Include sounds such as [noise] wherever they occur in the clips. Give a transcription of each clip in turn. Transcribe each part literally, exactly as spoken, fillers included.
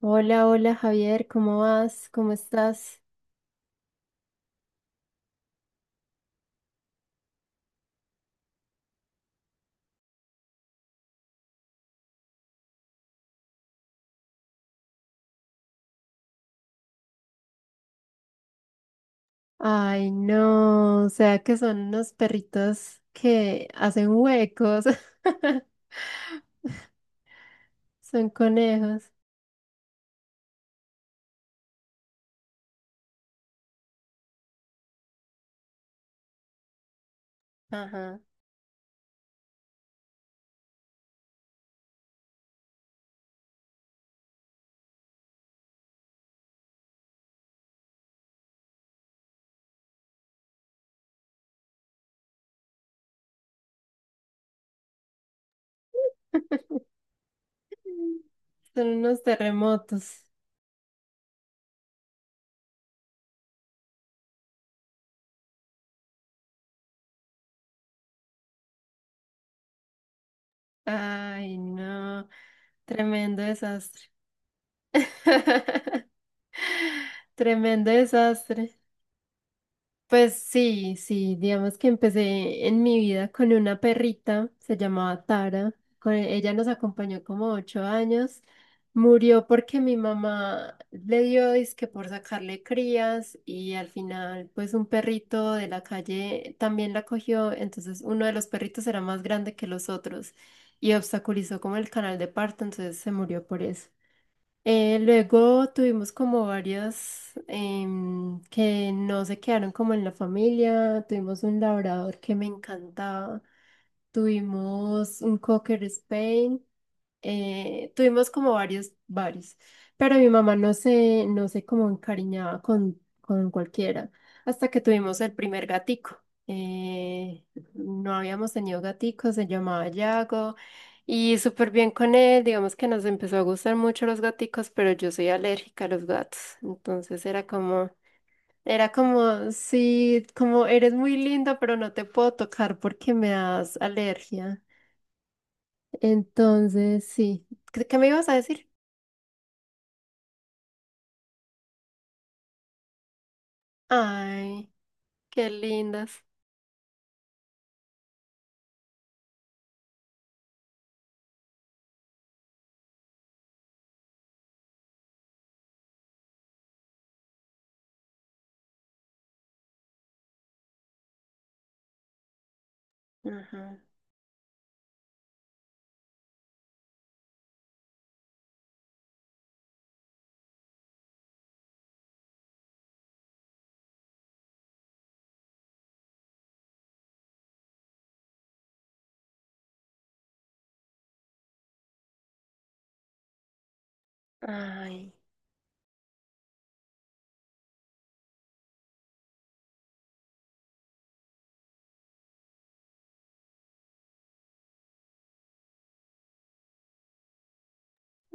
Hola, hola Javier, ¿cómo vas? ¿Cómo estás? Ay, no, o sea que son unos perritos que hacen huecos, [laughs] son conejos, ajá, [laughs] son unos terremotos. Ay, no, tremendo desastre, [laughs] tremendo desastre. Pues sí, sí, digamos que empecé en mi vida con una perrita, se llamaba Tara, con- ella nos acompañó como ocho años, murió porque mi mamá le dio disque por sacarle crías y al final pues un perrito de la calle también la cogió, entonces uno de los perritos era más grande que los otros y obstaculizó como el canal de parto, entonces se murió por eso. Eh, luego tuvimos como varias em, que no se quedaron como en la familia. Tuvimos un labrador que me encantaba. Tuvimos un Cocker Spain. Eh, tuvimos como varios, varios, pero mi mamá no se, no se como encariñaba con, con cualquiera, hasta que tuvimos el primer gatico. Eh, no habíamos tenido gatico, se llamaba Yago, y súper bien con él, digamos que nos empezó a gustar mucho los gaticos, pero yo soy alérgica a los gatos, entonces era como, era como, sí, como eres muy linda, pero no te puedo tocar porque me das alergia. Entonces, sí. ¿Qué qué me ibas a decir? Ay, qué lindas. Ajá. Ay.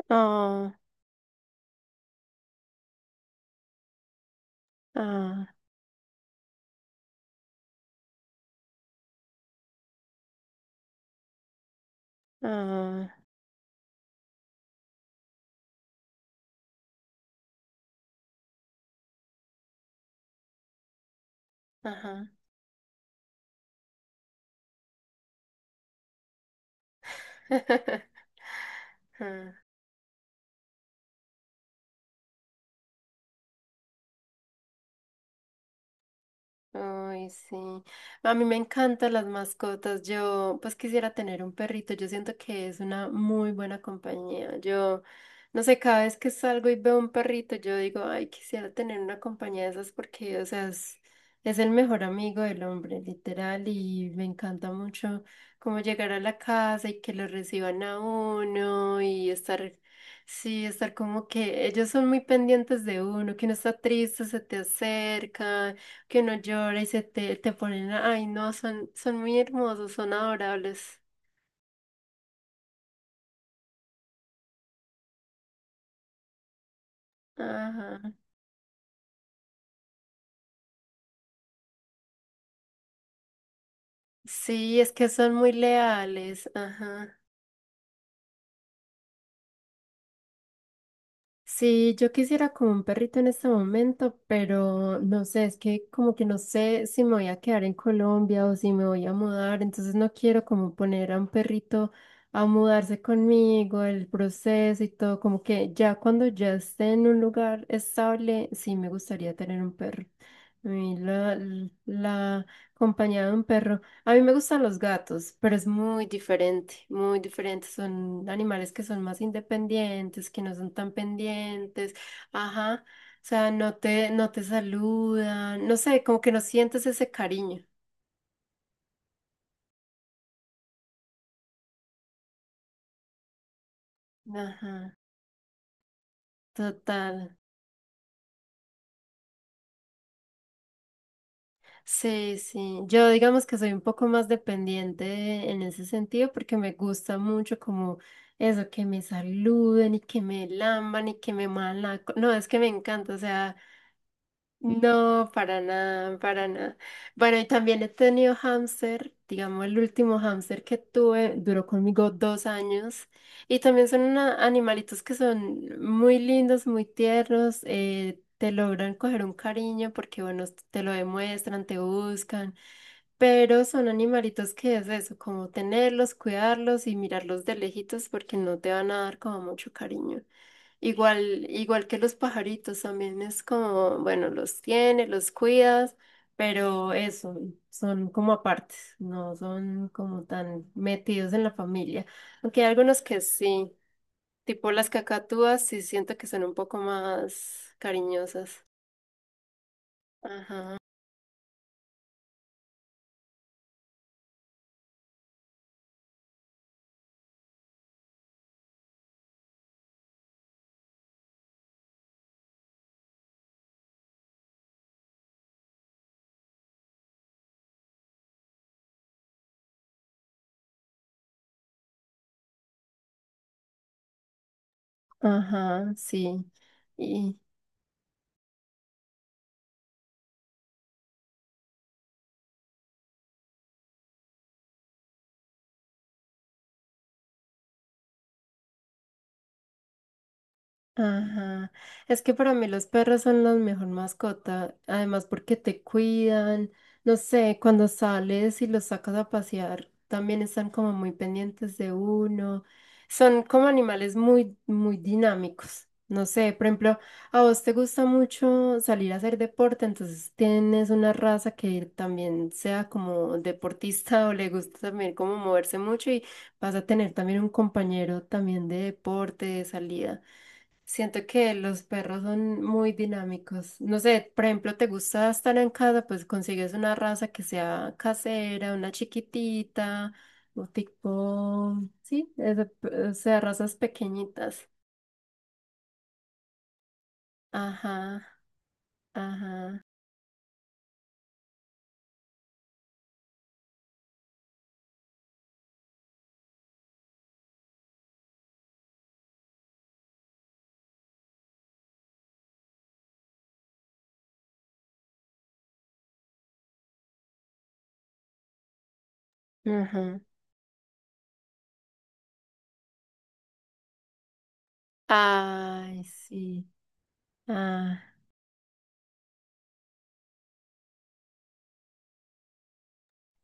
Oh, ah, ah, ajá. [laughs] Ay, sí. A mí me encantan las mascotas. Yo, pues quisiera tener un perrito. Yo siento que es una muy buena compañía. Yo, no sé, cada vez que salgo y veo un perrito, yo digo, ay, quisiera tener una compañía de esas porque, o sea, es, es el mejor amigo del hombre, literal. Y me encanta mucho como llegar a la casa y que lo reciban a uno y estar. Sí, estar como que ellos son muy pendientes de uno, que uno está triste, se te acercan que no llores, se te, te ponen, ay no, son, son muy hermosos, son adorables. Ajá. Sí, es que son muy leales. Ajá. Sí, yo quisiera como un perrito en este momento, pero no sé, es que como que no sé si me voy a quedar en Colombia o si me voy a mudar, entonces no quiero como poner a un perrito a mudarse conmigo, el proceso y todo, como que ya cuando ya esté en un lugar estable, sí me gustaría tener un perro. A mí la, la compañía de un perro. A mí me gustan los gatos, pero es muy diferente, muy diferente. Son animales que son más independientes, que no son tan pendientes. Ajá. O sea, no te, no te saludan. No sé, como que no sientes ese cariño. Ajá. Total. Sí, sí. Yo digamos que soy un poco más dependiente en ese sentido porque me gusta mucho como eso, que me saluden y que me lamban y que me muevan la... co- No, es que me encanta. O sea... No, para nada, para nada. Bueno, y también he tenido hámster, digamos, el último hámster que tuve duró conmigo dos años. Y también son una- animalitos que son muy lindos, muy tiernos, eh, te logran coger un cariño porque, bueno, te lo demuestran, te buscan. Pero son animalitos que es eso, como tenerlos, cuidarlos y mirarlos de lejitos porque no te van a dar como mucho cariño. Igual, igual que los pajaritos también es como, bueno, los tienes, los cuidas, pero eso, son como apartes, no son como tan metidos en la familia. Aunque hay algunos que sí, tipo las cacatúas, sí siento que son un poco más cariñosas. Ajá, ajá, sí. Ajá. Es que para mí los perros son la mejor mascota, además porque te cuidan, no sé, cuando sales y los sacas a pasear, también están como muy pendientes de uno. Son como animales muy, muy dinámicos. No sé, por ejemplo, a vos te gusta mucho salir a hacer deporte, entonces tienes una raza que también sea como deportista [laughs] o le gusta también como moverse mucho y vas a tener también un compañero también de deporte, de salida. Siento que los perros son muy dinámicos. No sé, por ejemplo, te gusta estar en casa, pues consigues una raza que sea casera, una chiquitita, o tipo, sí, es de pe- o sea, razas pequeñitas. Ajá, ajá, ajá. Ay, sí. Ah.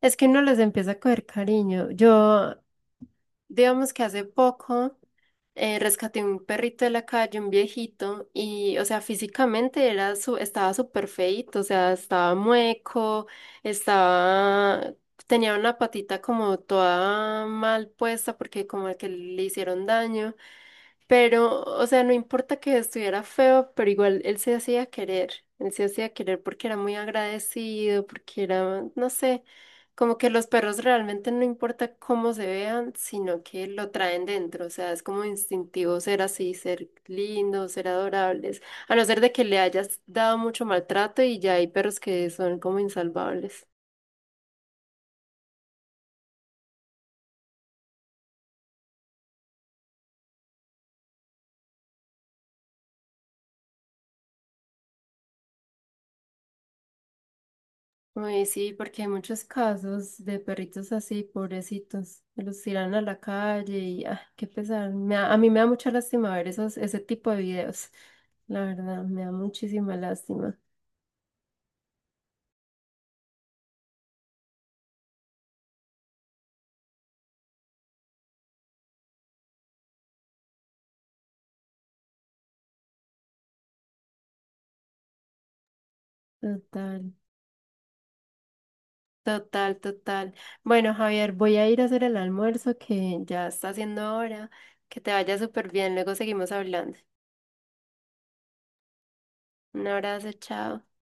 Es que uno les empieza a coger cariño. Yo digamos que hace poco eh, rescaté un perrito de la calle, un viejito, y, o sea, físicamente era su, estaba súper feíto, o sea, estaba mueco, estaba, tenía una patita como toda mal puesta porque como que le hicieron daño. Pero, o sea, no importa que estuviera feo, pero igual él se hacía querer, él se hacía querer porque era muy agradecido, porque era, no sé, como que los perros realmente no importa cómo se vean, sino que lo traen dentro, o sea, es como instintivo ser así, ser lindos, ser adorables, a no ser de que le hayas dado mucho maltrato y ya hay perros que son como insalvables. Uy, sí, porque hay muchos casos de perritos así, pobrecitos, que los tiran a la calle y ah, qué pesar. Me da- a mí me da mucha lástima ver esos, ese tipo de videos. La verdad, me da muchísima lástima. Total, total, total. Bueno, Javier, voy a ir a hacer el almuerzo que ya está haciendo hora. Que te vaya súper bien, luego seguimos hablando. Un abrazo, chao.